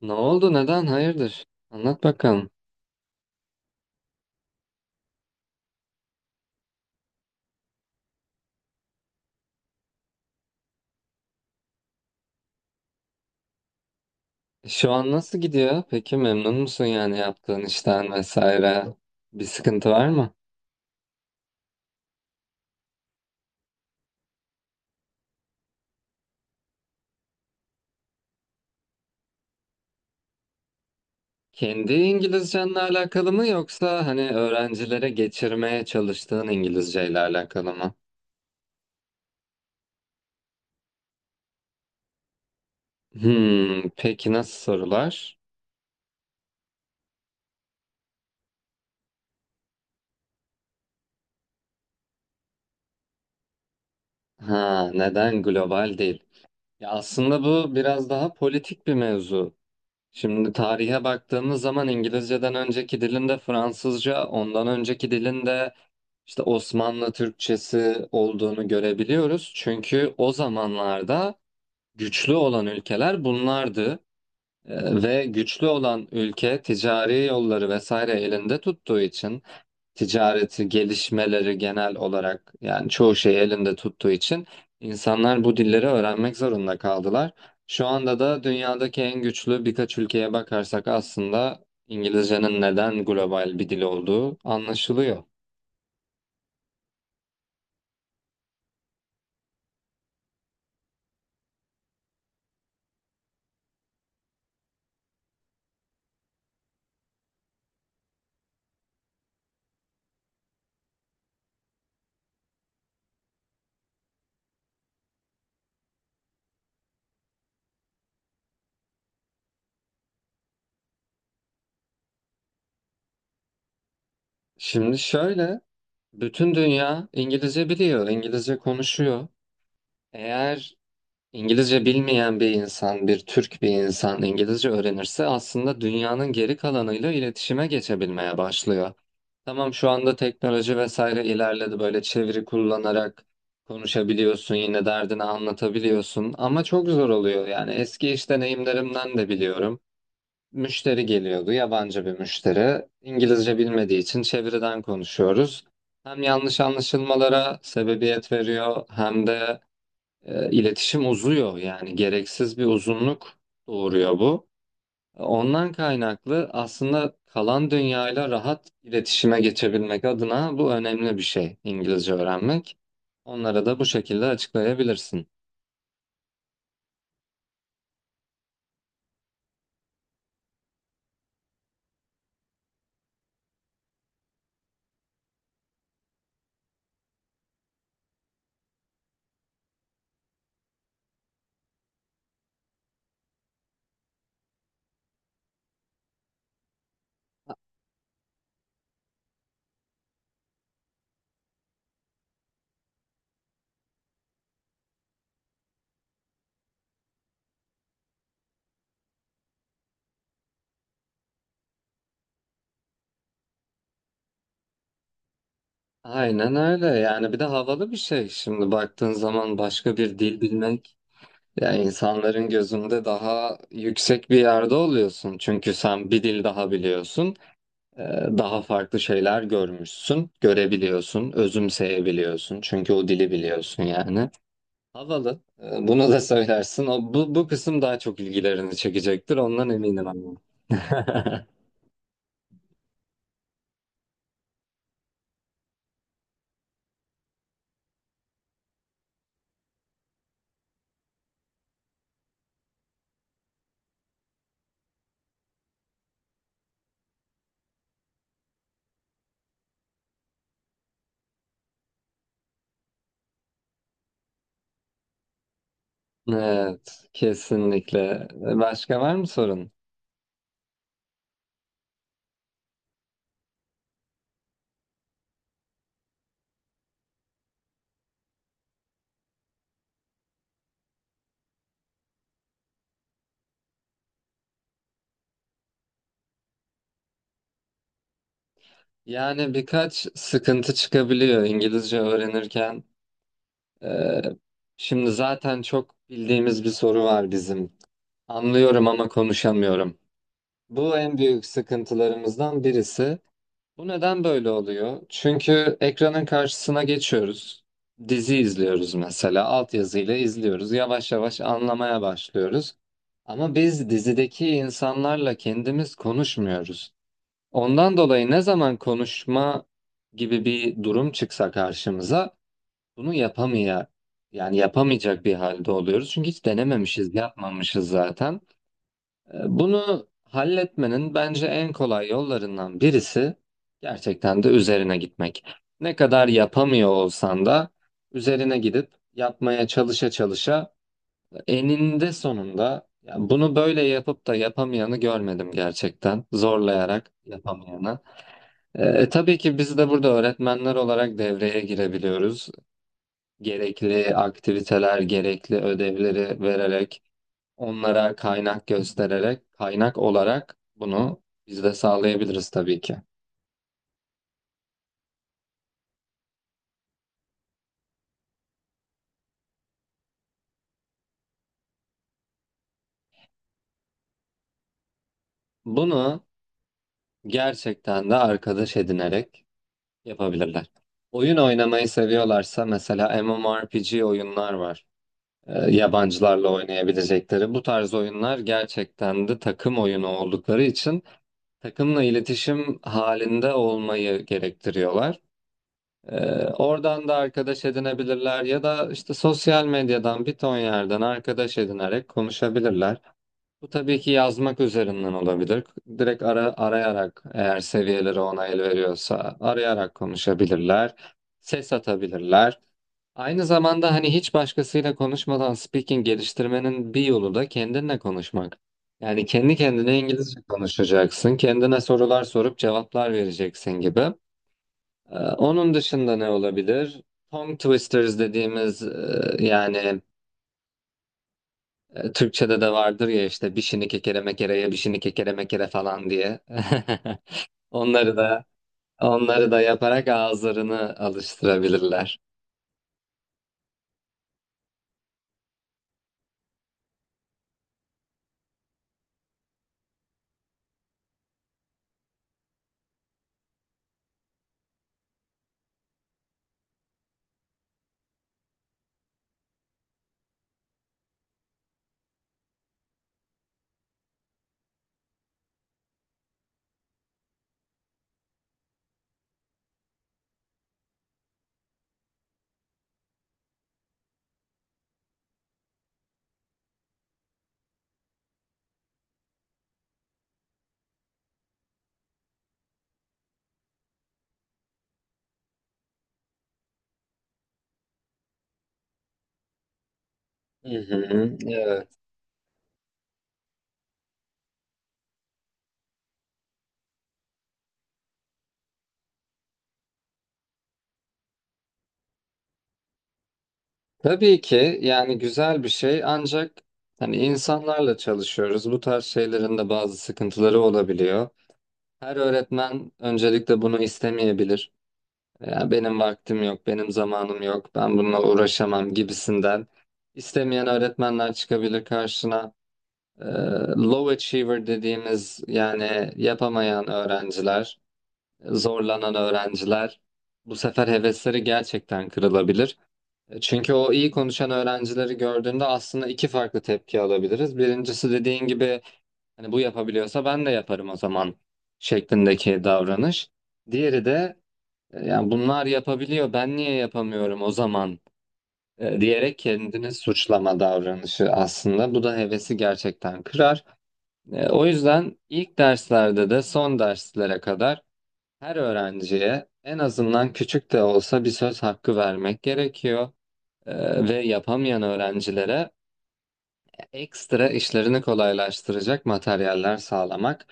Ne oldu? Neden? Hayırdır? Anlat bakalım. Şu an nasıl gidiyor? Peki memnun musun yani yaptığın işten vesaire? Bir sıkıntı var mı? Kendi İngilizcenle alakalı mı yoksa hani öğrencilere geçirmeye çalıştığın İngilizceyle alakalı mı? Hmm, peki nasıl sorular? Ha, neden global değil? Ya aslında bu biraz daha politik bir mevzu. Şimdi tarihe baktığımız zaman İngilizceden önceki dilinde Fransızca, ondan önceki dilinde işte Osmanlı Türkçesi olduğunu görebiliyoruz. Çünkü o zamanlarda güçlü olan ülkeler bunlardı. Ve güçlü olan ülke ticari yolları vesaire elinde tuttuğu için ticareti, gelişmeleri genel olarak yani çoğu şeyi elinde tuttuğu için insanlar bu dilleri öğrenmek zorunda kaldılar. Şu anda da dünyadaki en güçlü birkaç ülkeye bakarsak aslında İngilizcenin neden global bir dil olduğu anlaşılıyor. Şimdi şöyle, bütün dünya İngilizce biliyor, İngilizce konuşuyor. Eğer İngilizce bilmeyen bir insan, bir Türk bir insan İngilizce öğrenirse aslında dünyanın geri kalanıyla iletişime geçebilmeye başlıyor. Tamam şu anda teknoloji vesaire ilerledi böyle çeviri kullanarak konuşabiliyorsun yine derdini anlatabiliyorsun ama çok zor oluyor yani eski iş deneyimlerimden de biliyorum. Müşteri geliyordu yabancı bir müşteri İngilizce bilmediği için çeviriden konuşuyoruz. Hem yanlış anlaşılmalara sebebiyet veriyor hem de iletişim uzuyor yani gereksiz bir uzunluk doğuruyor bu. Ondan kaynaklı aslında kalan dünyayla rahat iletişime geçebilmek adına bu önemli bir şey İngilizce öğrenmek. Onlara da bu şekilde açıklayabilirsin. Aynen öyle yani bir de havalı bir şey şimdi baktığın zaman başka bir dil bilmek ya insanların gözünde daha yüksek bir yerde oluyorsun çünkü sen bir dil daha biliyorsun. Ee, daha farklı şeyler görmüşsün, görebiliyorsun, özümseyebiliyorsun. Çünkü o dili biliyorsun yani. Havalı. Bunu da söylersin. O, bu kısım daha çok ilgilerini çekecektir. Ondan eminim ama. Evet, kesinlikle. Başka var mı sorun? Yani birkaç sıkıntı çıkabiliyor İngilizce öğrenirken. Ee, şimdi zaten çok bildiğimiz bir soru var bizim. Anlıyorum ama konuşamıyorum. Bu en büyük sıkıntılarımızdan birisi. Bu neden böyle oluyor? Çünkü ekranın karşısına geçiyoruz. Dizi izliyoruz mesela. Altyazıyla izliyoruz. Yavaş yavaş anlamaya başlıyoruz. Ama biz dizideki insanlarla kendimiz konuşmuyoruz. Ondan dolayı ne zaman konuşma gibi bir durum çıksa karşımıza bunu yani yapamayacak bir halde oluyoruz. Çünkü hiç denememişiz, yapmamışız zaten. Bunu halletmenin bence en kolay yollarından birisi gerçekten de üzerine gitmek. Ne kadar yapamıyor olsan da üzerine gidip yapmaya çalışa çalışa eninde sonunda ya bunu böyle yapıp da yapamayanı görmedim gerçekten. Zorlayarak yapamayanı. Tabii ki biz de burada öğretmenler olarak devreye girebiliyoruz. Gerekli aktiviteler, gerekli ödevleri vererek. Onlara kaynak göstererek, kaynak olarak bunu biz de sağlayabiliriz tabii ki. Bunu gerçekten de arkadaş edinerek yapabilirler. Oyun oynamayı seviyorlarsa mesela MMORPG oyunlar var. Yabancılarla oynayabilecekleri. Bu tarz oyunlar gerçekten de takım oyunu oldukları için takımla iletişim halinde olmayı gerektiriyorlar. Ee, oradan da arkadaş edinebilirler ya da işte sosyal medyadan bir ton yerden arkadaş edinerek konuşabilirler. Bu tabii ki yazmak üzerinden olabilir. Direkt arayarak eğer seviyeleri ona el veriyorsa arayarak konuşabilirler. Ses atabilirler. Aynı zamanda hani hiç başkasıyla konuşmadan speaking geliştirmenin bir yolu da kendinle konuşmak. Yani kendi kendine İngilizce konuşacaksın, kendine sorular sorup cevaplar vereceksin gibi. Onun dışında ne olabilir? Tongue twisters dediğimiz yani Türkçe'de de vardır ya işte bişini kekere mekereye bişini kekere mekere falan diye. Onları da onları da yaparak ağızlarını alıştırabilirler. Hı hı, evet. Tabii ki yani güzel bir şey ancak hani insanlarla çalışıyoruz. Bu tarz şeylerin de bazı sıkıntıları olabiliyor. Her öğretmen öncelikle bunu istemeyebilir. Ya benim vaktim yok, benim zamanım yok, ben bununla uğraşamam gibisinden. İstemeyen öğretmenler çıkabilir karşına. Ee, low achiever dediğimiz yani yapamayan öğrenciler, zorlanan öğrenciler bu sefer hevesleri gerçekten kırılabilir. Çünkü o iyi konuşan öğrencileri gördüğünde aslında iki farklı tepki alabiliriz. Birincisi dediğin gibi hani bu yapabiliyorsa ben de yaparım o zaman şeklindeki davranış. Diğeri de yani bunlar yapabiliyor, ben niye yapamıyorum o zaman diyerek kendini suçlama davranışı aslında. Bu da hevesi gerçekten kırar. O yüzden ilk derslerde de son derslere kadar her öğrenciye en azından küçük de olsa bir söz hakkı vermek gerekiyor. Ve yapamayan öğrencilere ekstra işlerini kolaylaştıracak materyaller sağlamak.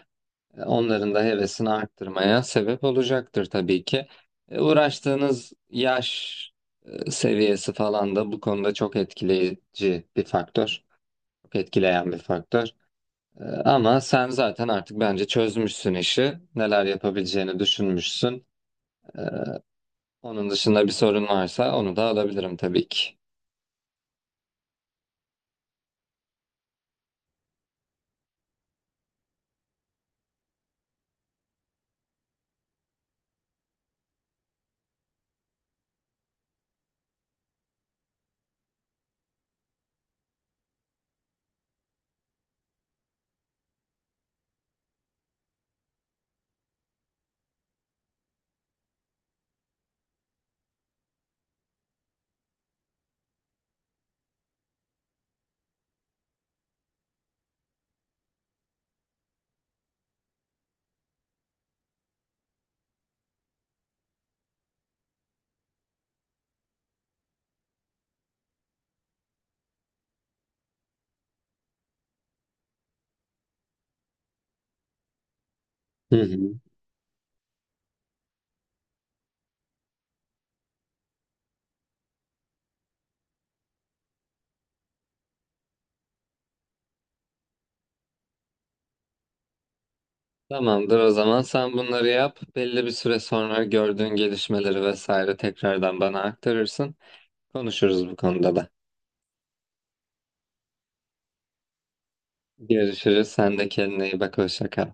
Onların da hevesini arttırmaya sebep olacaktır tabii ki. Uğraştığınız yaş seviyesi falan da bu konuda çok etkileyici bir faktör. Çok etkileyen bir faktör. Ama sen zaten artık bence çözmüşsün işi. Neler yapabileceğini düşünmüşsün. E, Onun dışında bir sorun varsa onu da alabilirim tabii ki. Hı hı. Tamamdır o zaman sen bunları yap. Belli bir süre sonra gördüğün gelişmeleri vesaire tekrardan bana aktarırsın. Konuşuruz bu konuda da. Görüşürüz. Sen de kendine iyi bak. Hoşça kal.